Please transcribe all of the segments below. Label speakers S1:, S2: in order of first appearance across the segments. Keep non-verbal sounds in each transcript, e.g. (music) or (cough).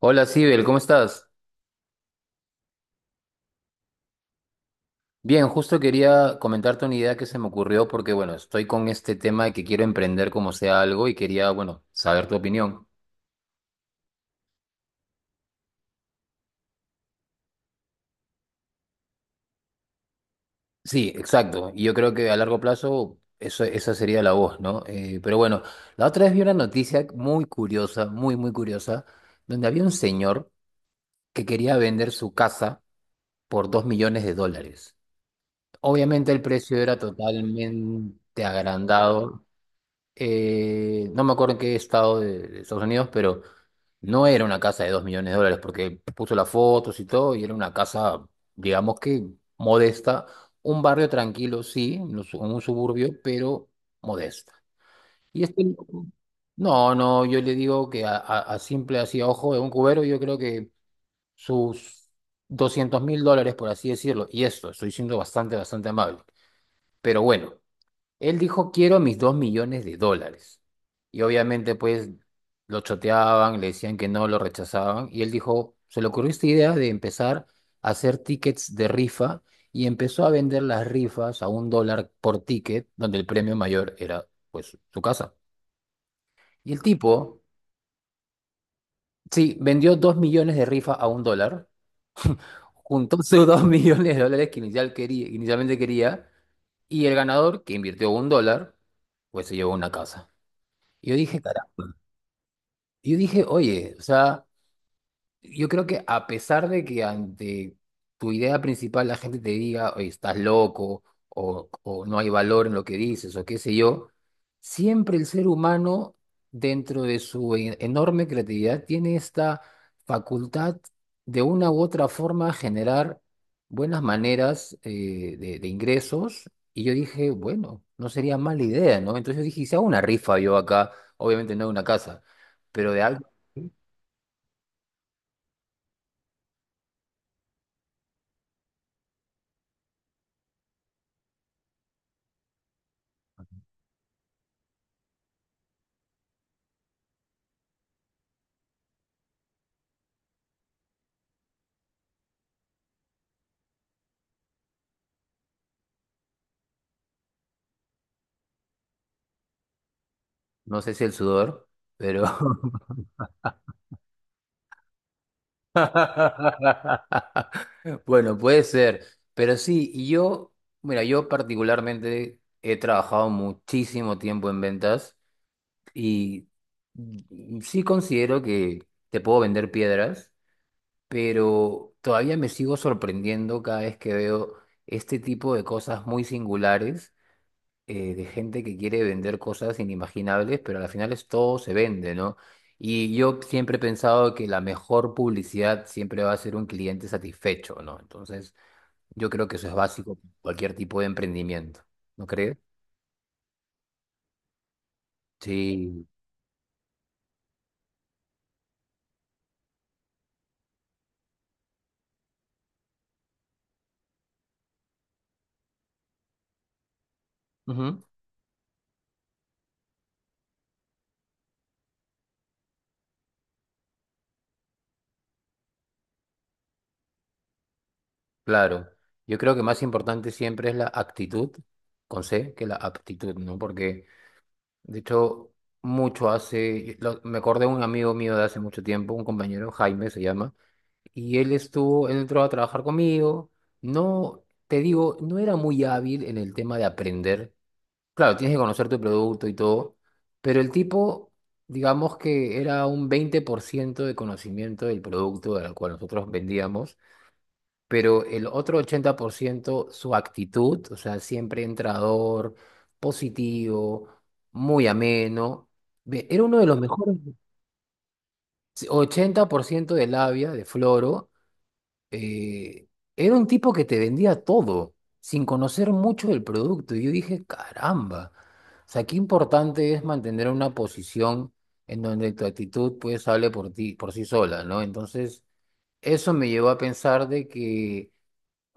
S1: Hola, Sibel, ¿cómo estás? Bien, justo quería comentarte una idea que se me ocurrió porque, bueno, estoy con este tema de que quiero emprender como sea algo y quería, bueno, saber tu opinión. Sí, exacto. Y yo creo que a largo plazo eso, esa sería la voz, ¿no? Pero bueno, la otra vez vi una noticia muy curiosa, muy, muy curiosa, donde había un señor que quería vender su casa por 2 millones de dólares. Obviamente el precio era totalmente agrandado. No me acuerdo en qué estado de Estados Unidos, pero no era una casa de 2 millones de dólares, porque puso las fotos y todo, y era una casa, digamos que modesta, un barrio tranquilo, sí, en un suburbio, pero modesta. Y este loco, no, no, yo le digo que a simple así a ojo de un cubero, yo creo que sus 200.000 dólares, por así decirlo, y estoy siendo bastante, bastante amable, pero bueno. Él dijo, quiero mis 2 millones de dólares. Y obviamente, pues, lo choteaban, le decían que no, lo rechazaban. Y él dijo, se le ocurrió esta idea de empezar a hacer tickets de rifa y empezó a vender las rifas a $1 por ticket, donde el premio mayor era, pues, su casa. Y el tipo, sí, vendió 2 millones de rifas a un dólar, juntó (laughs) sus 2 millones de dólares que inicialmente quería, y el ganador, que invirtió $1, pues se llevó una casa. Y yo dije, caramba. Y yo dije, oye, o sea, yo creo que a pesar de que ante tu idea principal la gente te diga, oye, estás loco, o no hay valor en lo que dices, o qué sé yo, siempre el ser humano, dentro de su enorme creatividad, tiene esta facultad de una u otra forma generar buenas maneras de ingresos. Y yo dije, bueno, no sería mala idea, ¿no? Entonces yo dije, "Y si hago una rifa yo acá, obviamente no de una casa, pero de algo. No sé si el sudor, pero... (laughs) Bueno, puede ser. Pero sí, y yo, mira, yo particularmente he trabajado muchísimo tiempo en ventas y sí considero que te puedo vender piedras, pero todavía me sigo sorprendiendo cada vez que veo este tipo de cosas muy singulares de gente que quiere vender cosas inimaginables, pero al final es todo se vende, ¿no? Y yo siempre he pensado que la mejor publicidad siempre va a ser un cliente satisfecho, ¿no? Entonces, yo creo que eso es básico para cualquier tipo de emprendimiento, ¿no crees? Sí, ujú. Claro. Yo creo que más importante siempre es la actitud, con C, que la aptitud, ¿no? Porque, de hecho, mucho hace, me acordé de un amigo mío de hace mucho tiempo, un compañero, Jaime se llama. Y él estuvo, él entró a trabajar conmigo. No, te digo, no era muy hábil en el tema de aprender. Claro, tienes que conocer tu producto y todo, pero el tipo, digamos que era un 20% de conocimiento del producto al cual nosotros vendíamos, pero el otro 80% su actitud, o sea, siempre entrador, positivo, muy ameno. Ve, era uno de los mejores, 80% de labia, de floro eh, era un tipo que te vendía todo, sin conocer mucho del producto. Y yo dije, caramba, o sea, qué importante es mantener una posición en donde tu actitud pues hable por ti, por sí sola, ¿no? Entonces, eso me llevó a pensar de que,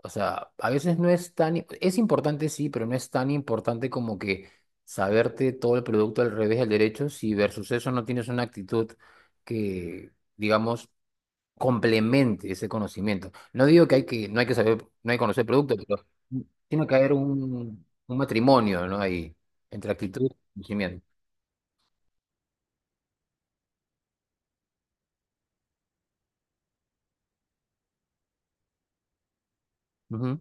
S1: o sea, a veces no es tan, es importante sí, pero no es tan importante como que saberte todo el producto al revés y al derecho, si versus eso no tienes una actitud que... digamos, complemente ese conocimiento. No digo que hay que, no hay que saber, no hay que conocer producto, pero tiene que haber un matrimonio, ¿no? Ahí, entre actitud y conocimiento. Ujú.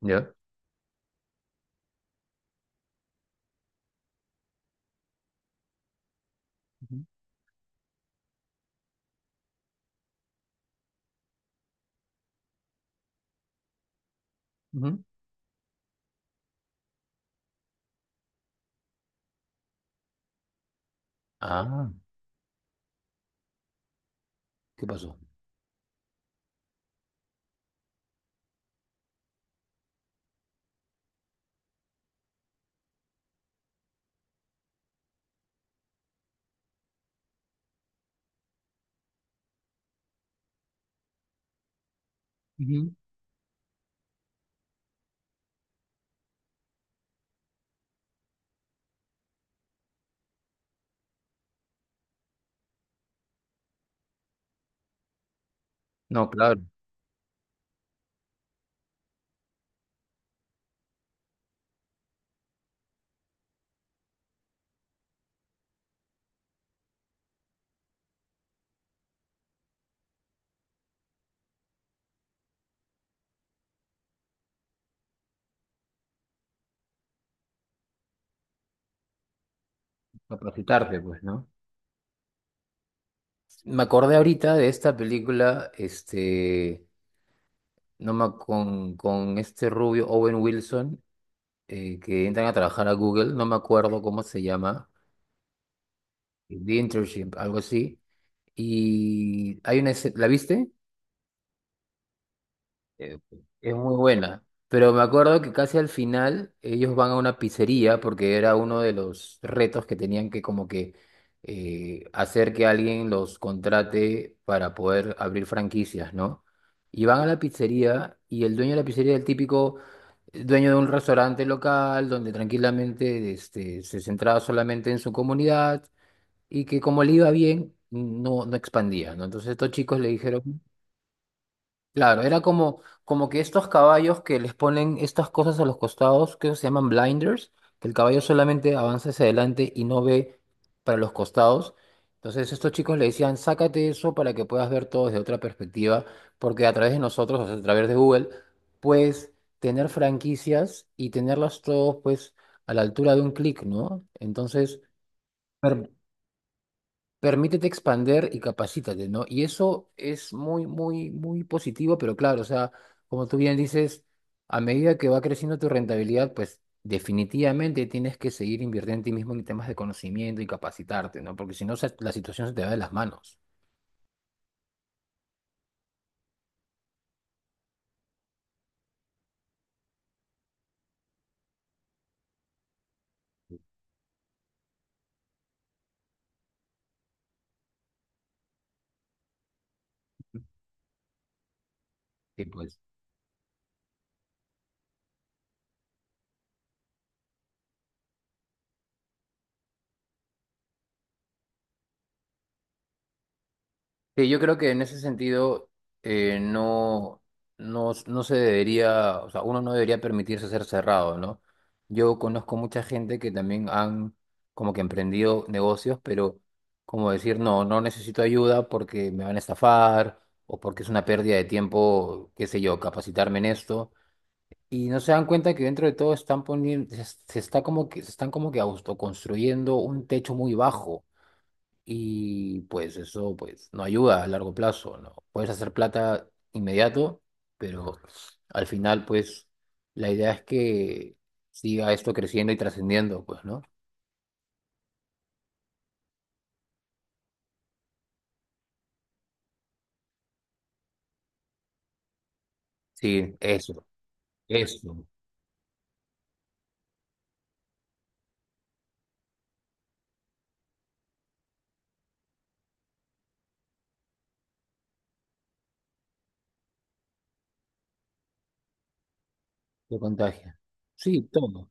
S1: ¿Ya? Ujú, ujú. Ah, ¿qué pasó? Ujú. No, claro, capacitarte, pues, ¿no? Me acordé ahorita de esta película, este, no me, ac- con este rubio Owen Wilson, que entran a trabajar a Google, no me acuerdo cómo se llama, The Internship, algo así. Y hay una escena, ¿la viste? Eh, es muy buena. Pero me acuerdo que casi al final ellos van a una pizzería porque era uno de los retos que tenían que como que hacer que alguien los contrate para poder abrir franquicias, ¿no? Y van a la pizzería y el dueño de la pizzería es el típico dueño de un restaurante local donde tranquilamente este, se centraba solamente en su comunidad y que como le iba bien, no, no expandía, ¿no? Entonces estos chicos le dijeron... Claro, era como, como que estos caballos que les ponen estas cosas a los costados, que se llaman blinders, que el caballo solamente avanza hacia adelante y no ve para los costados. Entonces estos chicos le decían, sácate eso para que puedas ver todo desde otra perspectiva, porque a través de nosotros, o sea, a través de Google, puedes tener franquicias y tenerlas todos pues a la altura de un clic, ¿no? Entonces, per- permítete expander y capacítate, ¿no? Y eso es muy, muy, muy positivo, pero claro, o sea, como tú bien dices, a medida que va creciendo tu rentabilidad, pues definitivamente tienes que seguir invirtiendo en ti mismo en temas de conocimiento y capacitarte, ¿no? Porque si no, la situación se te va de las manos. Y pues sí, yo creo que en ese sentido no, no, no se debería, o sea, uno no debería permitirse ser cerrado, ¿no? Yo conozco mucha gente que también han como que emprendido negocios, pero como decir, no, no necesito ayuda porque me van a estafar o porque es una pérdida de tiempo, qué sé yo, capacitarme en esto. Y no se dan cuenta que dentro de todo están poniendo, se están como que autoconstruyendo un techo muy bajo y pues eso pues no ayuda a largo plazo, ¿no? Puedes hacer plata inmediato, pero al final pues la idea es que siga esto creciendo y trascendiendo, pues, ¿no? Sí, eso, te contagia. Sí, todo.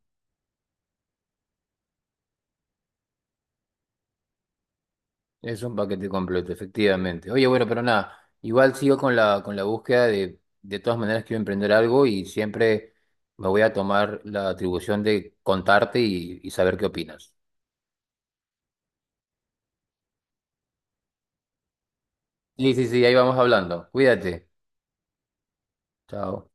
S1: Es un paquete completo, efectivamente. Oye, bueno, pero nada, igual sigo con la, búsqueda de todas maneras quiero emprender algo y siempre me voy a tomar la atribución de contarte y saber qué opinas. Sí, sí, sí, ahí vamos hablando. Cuídate. Chao.